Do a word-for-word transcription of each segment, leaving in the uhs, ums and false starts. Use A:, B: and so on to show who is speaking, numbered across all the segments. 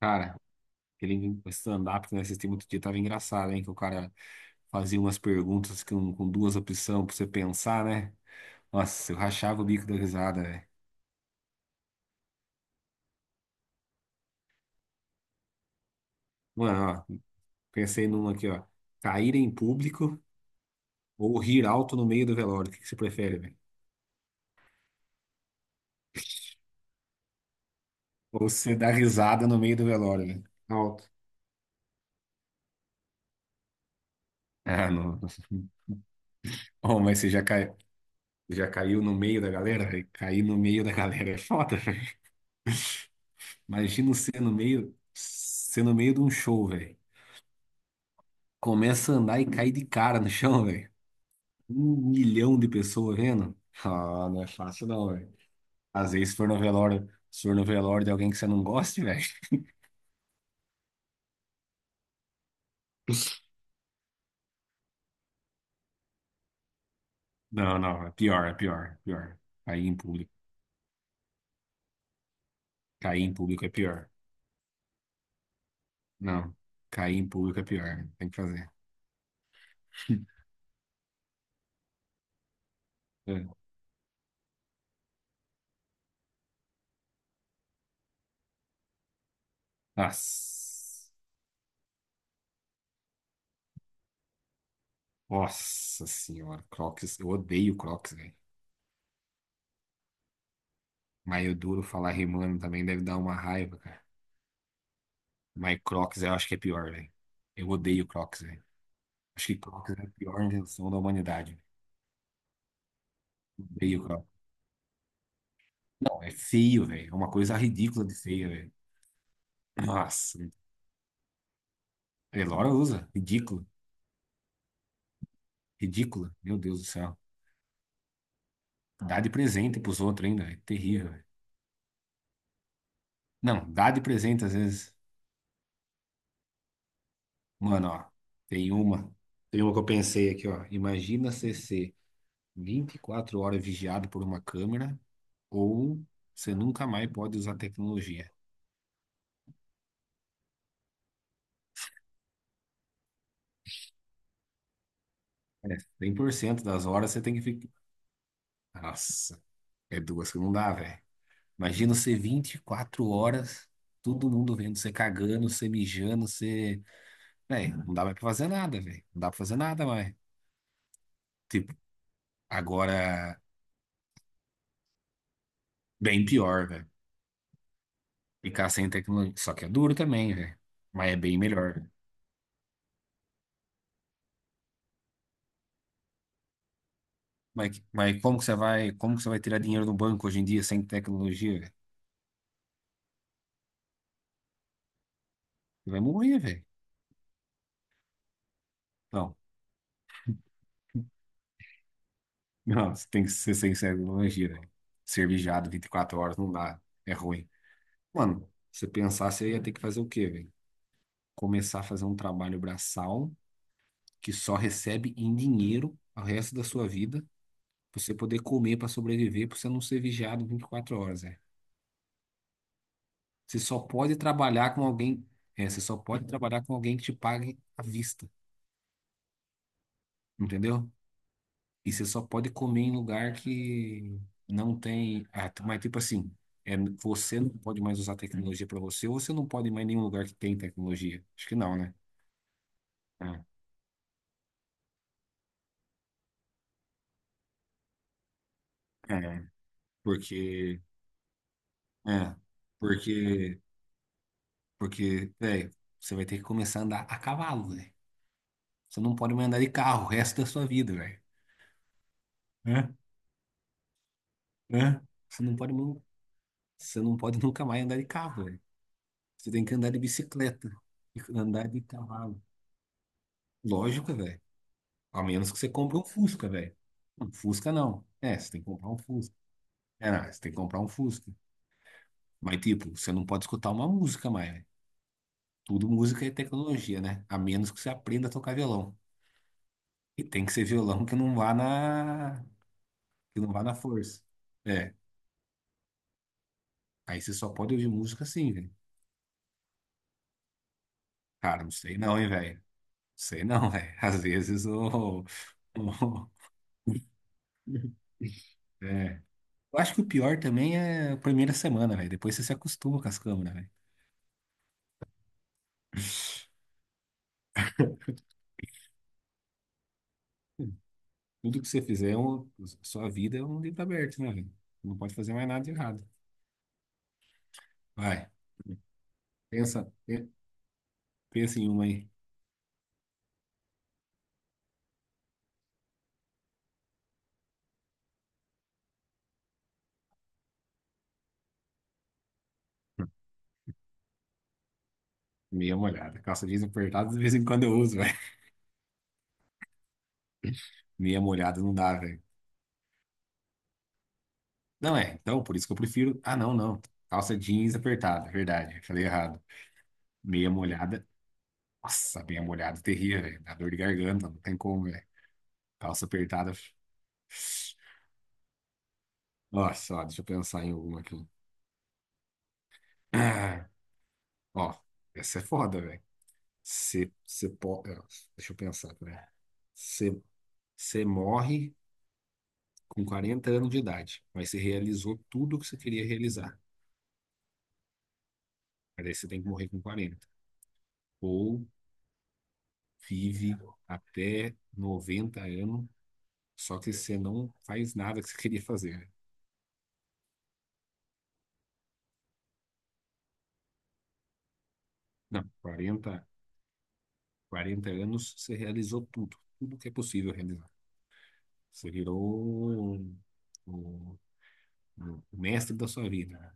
A: Cara, aquele stand-up que eu assisti muito dia tava engraçado, hein? Que o cara fazia umas perguntas com, com duas opções pra você pensar, né? Nossa, eu rachava o bico da risada, velho. Mano, ó, pensei numa aqui, ó. Cair em público ou rir alto no meio do velório? O que que você prefere, velho? Ou você dar risada no meio do velório, velho? Alto. Ah, não. Oh, mas você já, cai... já caiu no meio da galera, velho? Cair no meio da galera é foda, velho. Imagina você no meio, você no meio de um show, velho. Começa a andar e cai de cara no chão, velho. Um milhão de pessoas vendo. Ah, não é fácil não, velho. Às vezes, se for no velório, se for no velório de alguém que você não goste, velho. Não, não, é pior, é pior, é pior. Cair em público. Cair em público é pior. Não, cair em público é pior, né? Tem que fazer. É. Nossa, nossa senhora, Crocs. Eu odeio Crocs, velho. Mas eu duro falar rimando também deve dar uma raiva, cara. Mas Crocs eu acho que é pior, velho. Eu odeio Crocs, velho. Acho que Crocs é a pior invenção da humanidade. Odeio Crocs. Não, é feio, velho. É uma coisa ridícula de feia, velho. Nossa. Elora usa. Ridícula. Ridícula. Meu Deus do céu. Dá de presente pros outros ainda. É terrível, velho. Não, dá de presente às vezes. Mano, ó. Tem uma. Tem uma que eu pensei aqui, ó. Imagina você ser vinte e quatro horas vigiado por uma câmera ou você nunca mais pode usar tecnologia. É, cem por cento das horas você tem que ficar. Nossa. É duas que não dá, velho. Imagina você vinte e quatro horas, todo mundo vendo você cagando, você mijando, você. Véi, não dá mais pra fazer nada, velho. Não dá pra fazer nada mais. Tipo, agora, bem pior, velho. Ficar sem tecnologia. Só que é duro também, velho. Mas é bem melhor. Mas, mas como que você vai, como que você vai tirar dinheiro do banco hoje em dia sem tecnologia, velho? Você vai morrer, velho. Não, não, você tem que ser sem tecnologia, velho. Ser vigiado vinte e quatro horas não dá. É ruim. Mano, se você pensar, você ia ter que fazer o quê, velho? Começar a fazer um trabalho braçal que só recebe em dinheiro o resto da sua vida, pra você poder comer para sobreviver, para você não ser vigiado vinte e quatro horas, é. Você só pode trabalhar com alguém, é, você só pode trabalhar com alguém que te pague à vista, entendeu? E você só pode comer em lugar que não tem, ah, t- mas tipo assim, é, você não pode mais usar tecnologia para você, ou você não pode ir mais em nenhum lugar que tem tecnologia. Acho que não, né? É, é, porque, é, porque Porque, velho, você vai ter que começar a andar a cavalo, velho. Você não pode mais andar de carro o resto da sua vida, velho. Né? Né? Você não pode, nu- Você não pode nunca mais andar de carro, velho. Você tem que andar de bicicleta e andar de cavalo. Lógico, velho. A menos que você compre um Fusca, velho. Um Fusca não. É, você tem que comprar um Fusca. É, não, você tem que comprar um Fusca. Mas, tipo, você não pode escutar uma música mais, velho. Tudo música é tecnologia, né? A menos que você aprenda a tocar violão. E tem que ser violão que não vá na que não vá na força. É. Aí você só pode ouvir música assim, velho. Cara, não sei não, hein, velho. Não sei não, velho. Às vezes o. o- É. Eu acho que o pior também é a primeira semana, velho. Depois você se acostuma com as câmeras, velho. Tudo que você fizer, é um- sua vida é um livro aberto, né, velho? Não pode fazer mais nada de errado. Vai. Pensa, pe- Pensa em uma aí. Meia molhada. Calça jeans apertada, de vez em quando eu uso, velho. Meia molhada não dá, velho. Não é, então, por isso que eu prefiro. Ah, não, não. Calça jeans apertada, verdade. Falei errado. Meia molhada. Nossa, meia molhada, terrível, velho. Dá dor de garganta, não tem como, velho. Calça apertada. Nossa, ó, deixa eu pensar em alguma aqui. Ah, ó, essa é foda, velho. Você pode. Deixa eu pensar, velho. Você morre com quarenta anos de idade, mas você realizou tudo o que você queria realizar. Mas aí você tem que morrer com quarenta. Ou vive até noventa anos. Só que você não faz nada que você queria fazer, né? Não, quarenta, quarenta anos você realizou tudo, tudo que é possível realizar. Você virou o, o- o mestre da sua vida, né?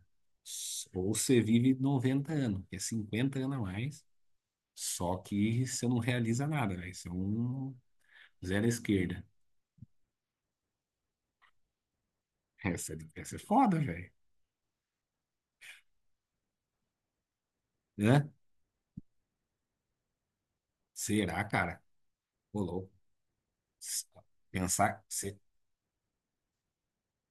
A: Ou você vive noventa anos, que é cinquenta anos a mais, só que você não realiza nada, velho. Você é um zero à esquerda. Essa, é, essa é foda, velho. Né? Será, cara? Ô, louco. S- Pensar, você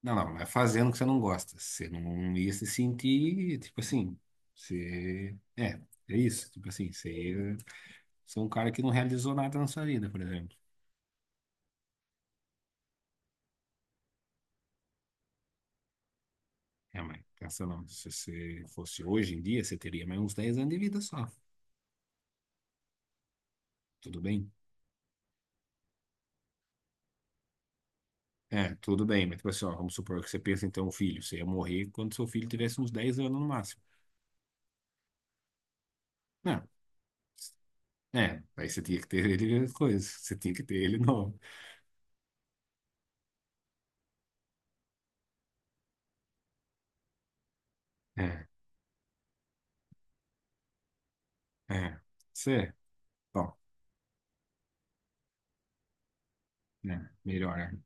A: Não, não, não é fazendo o que você não gosta. Você não ia se sentir, tipo assim, você... É, é isso. Tipo assim, você, você é um cara que não realizou nada na sua vida, por exemplo. É, mas pensa não, se você fosse hoje em dia, você teria mais uns dez anos de vida só. Tudo bem? É, tudo bem, mas tipo assim, ó, vamos supor que você pensa em ter um filho. Você ia morrer quando seu filho tivesse uns dez anos no máximo. Não, é, aí você tinha que ter ele coisa, você tinha que ter ele novo. É, é, você, bom, né, melhor, né?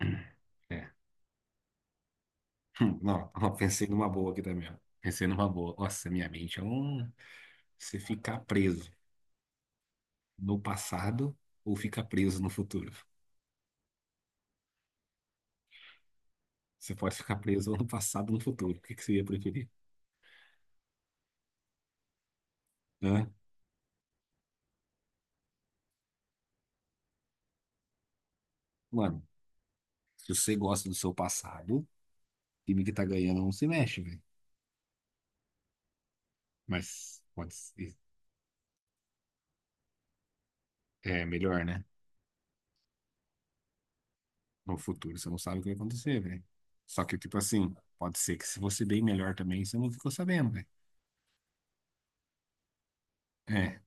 A: É. Hum, Não, não, pensei numa boa aqui também, ó. Pensei numa boa. Nossa, minha mente é um. Você ficar preso no passado ou ficar preso no futuro? Você pode ficar preso no passado ou no futuro. O que que você ia preferir? Hã? Mano, se você gosta do seu passado, o time que tá ganhando não se mexe, velho. Mas pode ser. É melhor, né? No futuro você não sabe o que vai acontecer, velho. Só que, tipo assim, pode ser que se você bem melhor também, você não ficou sabendo, velho. É.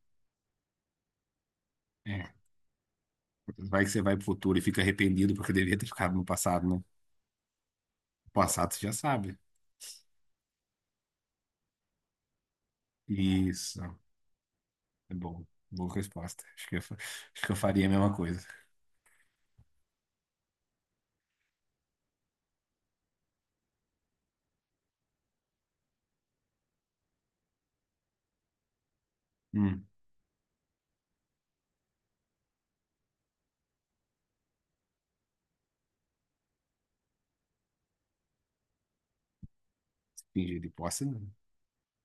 A: é. Vai que você vai pro futuro e fica arrependido porque deveria ter ficado no passado, né? O passado você já sabe. Isso. É bom. Boa resposta. Acho que eu, fa- acho que eu faria a mesma coisa. Hum. Fingir de posse, não.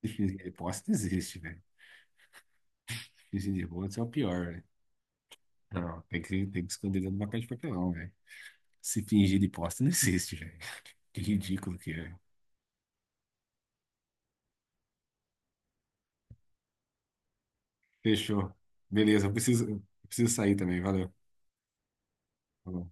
A: Fingir de posse não existe, velho. Fingir de posse é o pior, velho. Não, tem que, tem que esconder dentro de uma caixa de papelão, velho. Se fingir de posse não existe, velho. Que ridículo que é. Fechou. Beleza, eu preciso, eu preciso sair também. Valeu. Falou.